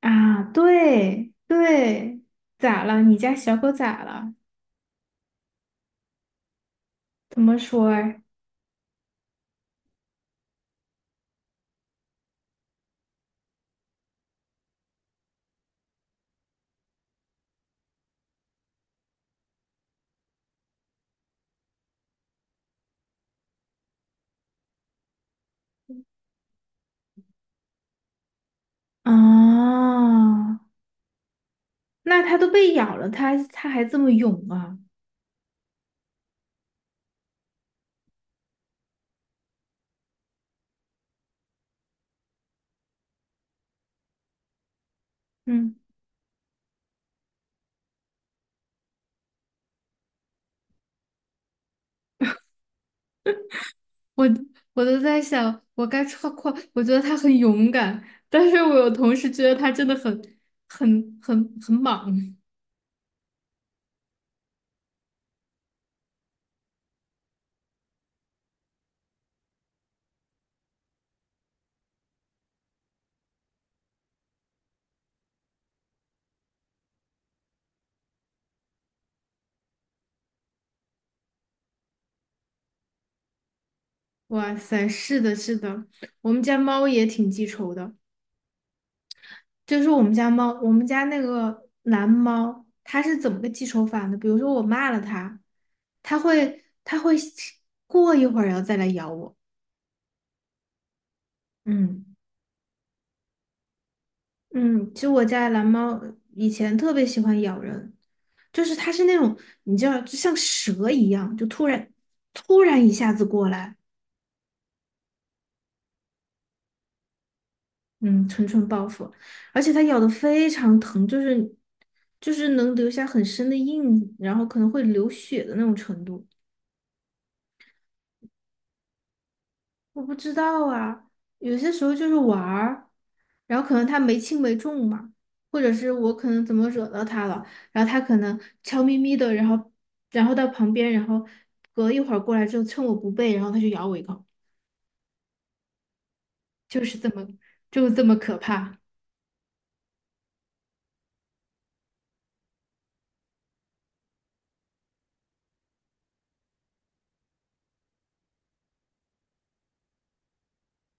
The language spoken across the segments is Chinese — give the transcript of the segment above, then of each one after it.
啊，对对，咋了？你家小狗咋了？怎么说儿？啊，那它都被咬了，它还这么勇啊？嗯，我我都在想，我该夸夸，我觉得它很勇敢，但是我有同时觉得它真的很很莽。哇塞，是的，是的，我们家猫也挺记仇的。就是我们家猫，我们家那个蓝猫，它是怎么个记仇法呢？比如说我骂了它，它会过一会儿然后再来咬我。嗯，嗯，其实我家的蓝猫以前特别喜欢咬人，就是它是那种你知道，就像蛇一样，就突然一下子过来，嗯，纯蠢报复，而且它咬的非常疼，就是能留下很深的印，然后可能会流血的那种程度。我不知道啊，有些时候就是玩儿，然后可能他没轻没重嘛，或者是我可能怎么惹到他了，然后他可能悄咪咪的，然后然后到旁边，然后隔一会儿过来之后，趁我不备，然后他就咬我一口，就是这么就是这么可怕。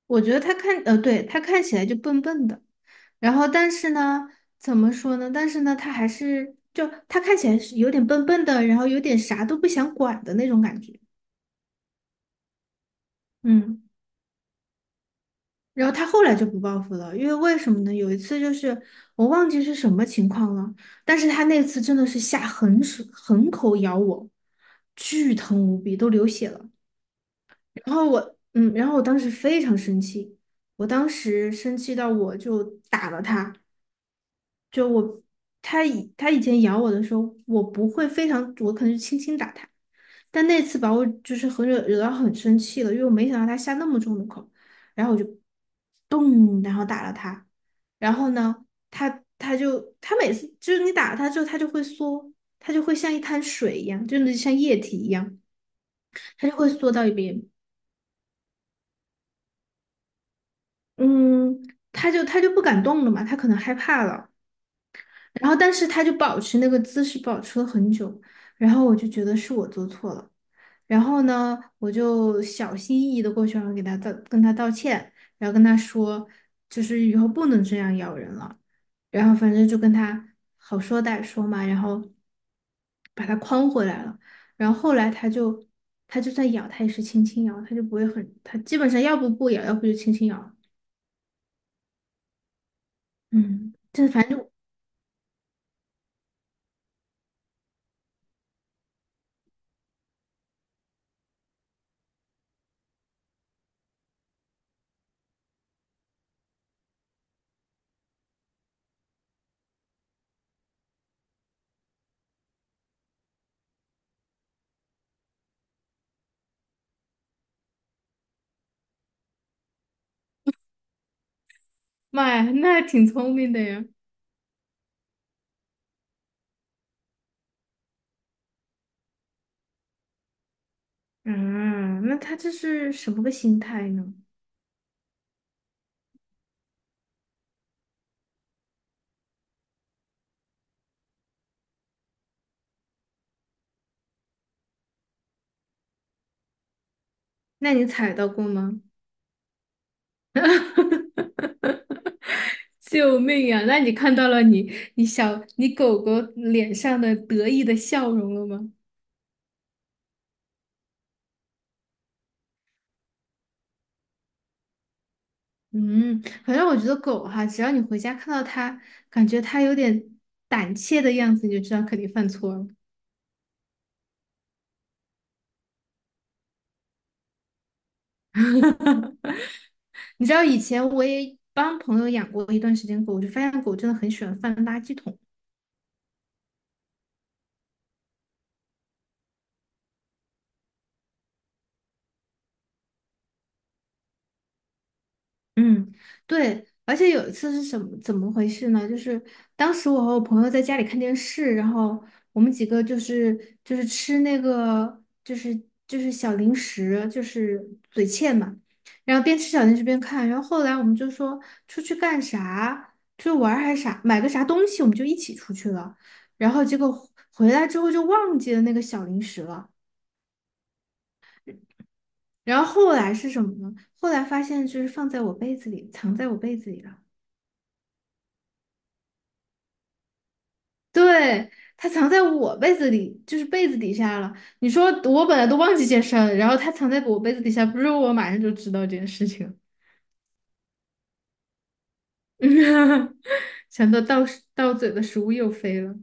我觉得他看对，他看起来就笨笨的，然后但是呢，怎么说呢？但是呢，他还是就他看起来是有点笨笨的，然后有点啥都不想管的那种感觉，嗯。然后他后来就不报复了，因为为什么呢？有一次就是我忘记是什么情况了，但是他那次真的是下狠手狠口咬我，巨疼无比，都流血了。然后我，嗯，然后我当时非常生气，我当时生气到我就打了他，就我，他以前咬我的时候，我不会非常，我可能就轻轻打他，但那次把我就是很惹到很生气了，因为我没想到他下那么重的口，然后我就咚，然后打了他，然后呢，他每次就是你打了他之后，他就会缩，他就会像一滩水一样，就是像液体一样，他就会缩到一边，嗯，他就不敢动了嘛，他可能害怕了。然后但是他就保持那个姿势保持了很久，然后我就觉得是我做错了，然后呢，我就小心翼翼的过去，然后给他道跟他道歉，然后跟他说，就是以后不能这样咬人了，然后反正就跟他好说歹说嘛，然后把他框回来了，然后后来他就他就算咬，他也是轻轻咬，他就不会很，他基本上要不不咬，要不就轻轻咬，嗯，这反正就妈呀，那还挺聪明的呀。嗯，那他这是什么个心态呢？那你踩到过吗？救命呀！那你看到了你狗狗脸上的得意的笑容了吗？嗯，反正我觉得狗哈，只要你回家看到它，感觉它有点胆怯的样子，你就知道肯定犯错了。你知道以前我也帮朋友养过一段时间狗，我就发现狗真的很喜欢翻垃圾桶。嗯，对，而且有一次是什么怎么回事呢？就是当时我和我朋友在家里看电视，然后我们几个就是吃那个就是小零食，就是嘴欠嘛，然后边吃小零食边看，然后后来我们就说出去干啥，出去玩儿还是啥，买个啥东西，我们就一起出去了，然后结果回来之后就忘记了那个小零食了，然后后来是什么呢？后来发现就是放在我被子里，藏在我被子里了。对，它藏在我被子里，就是被子底下了。你说我本来都忘记健身了，然后它藏在我被子底下，不是我马上就知道这件事情。想到到嘴的食物又飞了，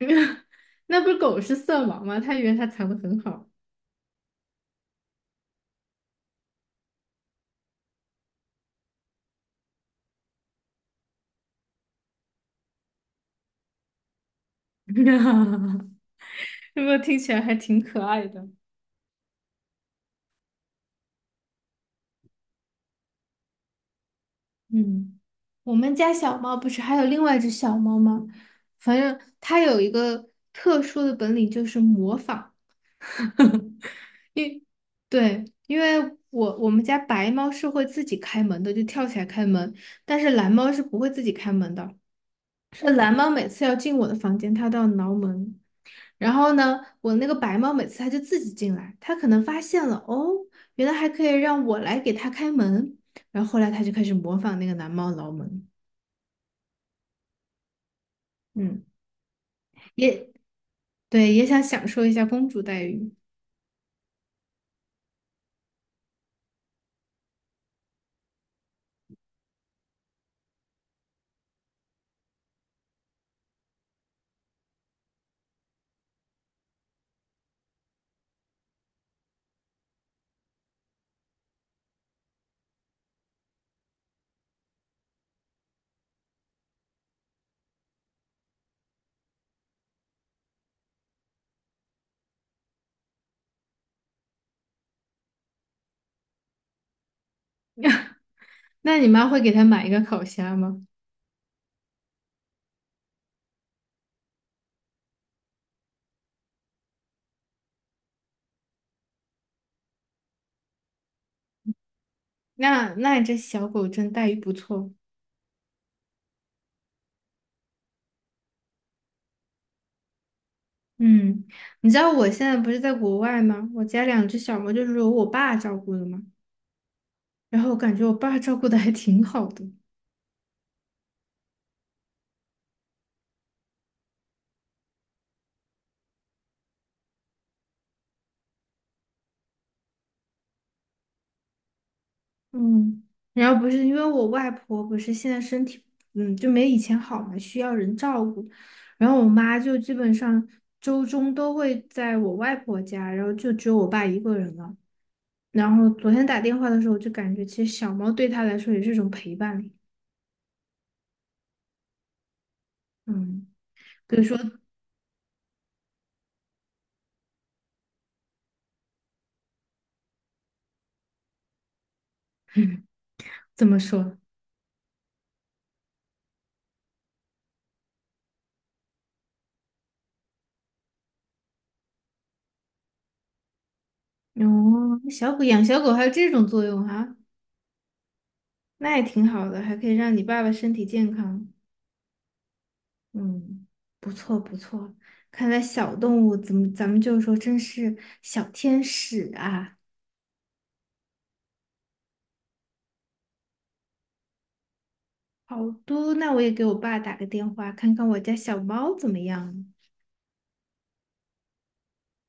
那不是狗是色盲吗？它以为它藏得很好，是不是听起来还挺可爱的？嗯，我们家小猫不是还有另外一只小猫吗？反正它有一个特殊的本领，就是模仿。因对，因为我们家白猫是会自己开门的，就跳起来开门，但是蓝猫是不会自己开门的。是蓝猫每次要进我的房间，它都要挠门。然后呢，我那个白猫每次它就自己进来，它可能发现了哦，原来还可以让我来给它开门。然后后来它就开始模仿那个蓝猫挠门，嗯，也对，也想享受一下公主待遇。那你妈会给它买一个烤虾吗？那你这小狗真待遇不错。嗯，你知道我现在不是在国外吗？我家两只小猫就是由我爸照顾的嘛，然后我感觉我爸照顾的还挺好的。嗯，然后不是因为我外婆不是现在身体，嗯，就没以前好嘛，需要人照顾。然后我妈就基本上周中都会在我外婆家，然后就只有我爸一个人了。然后昨天打电话的时候，我就感觉其实小猫对他来说也是一种陪伴力嗯，比如说怎么说？哦，小狗养小狗还有这种作用啊，那也挺好的，还可以让你爸爸身体健康。嗯，不错不错，看来小动物怎么咱们就说真是小天使啊。好的，那我也给我爸打个电话，看看我家小猫怎么样。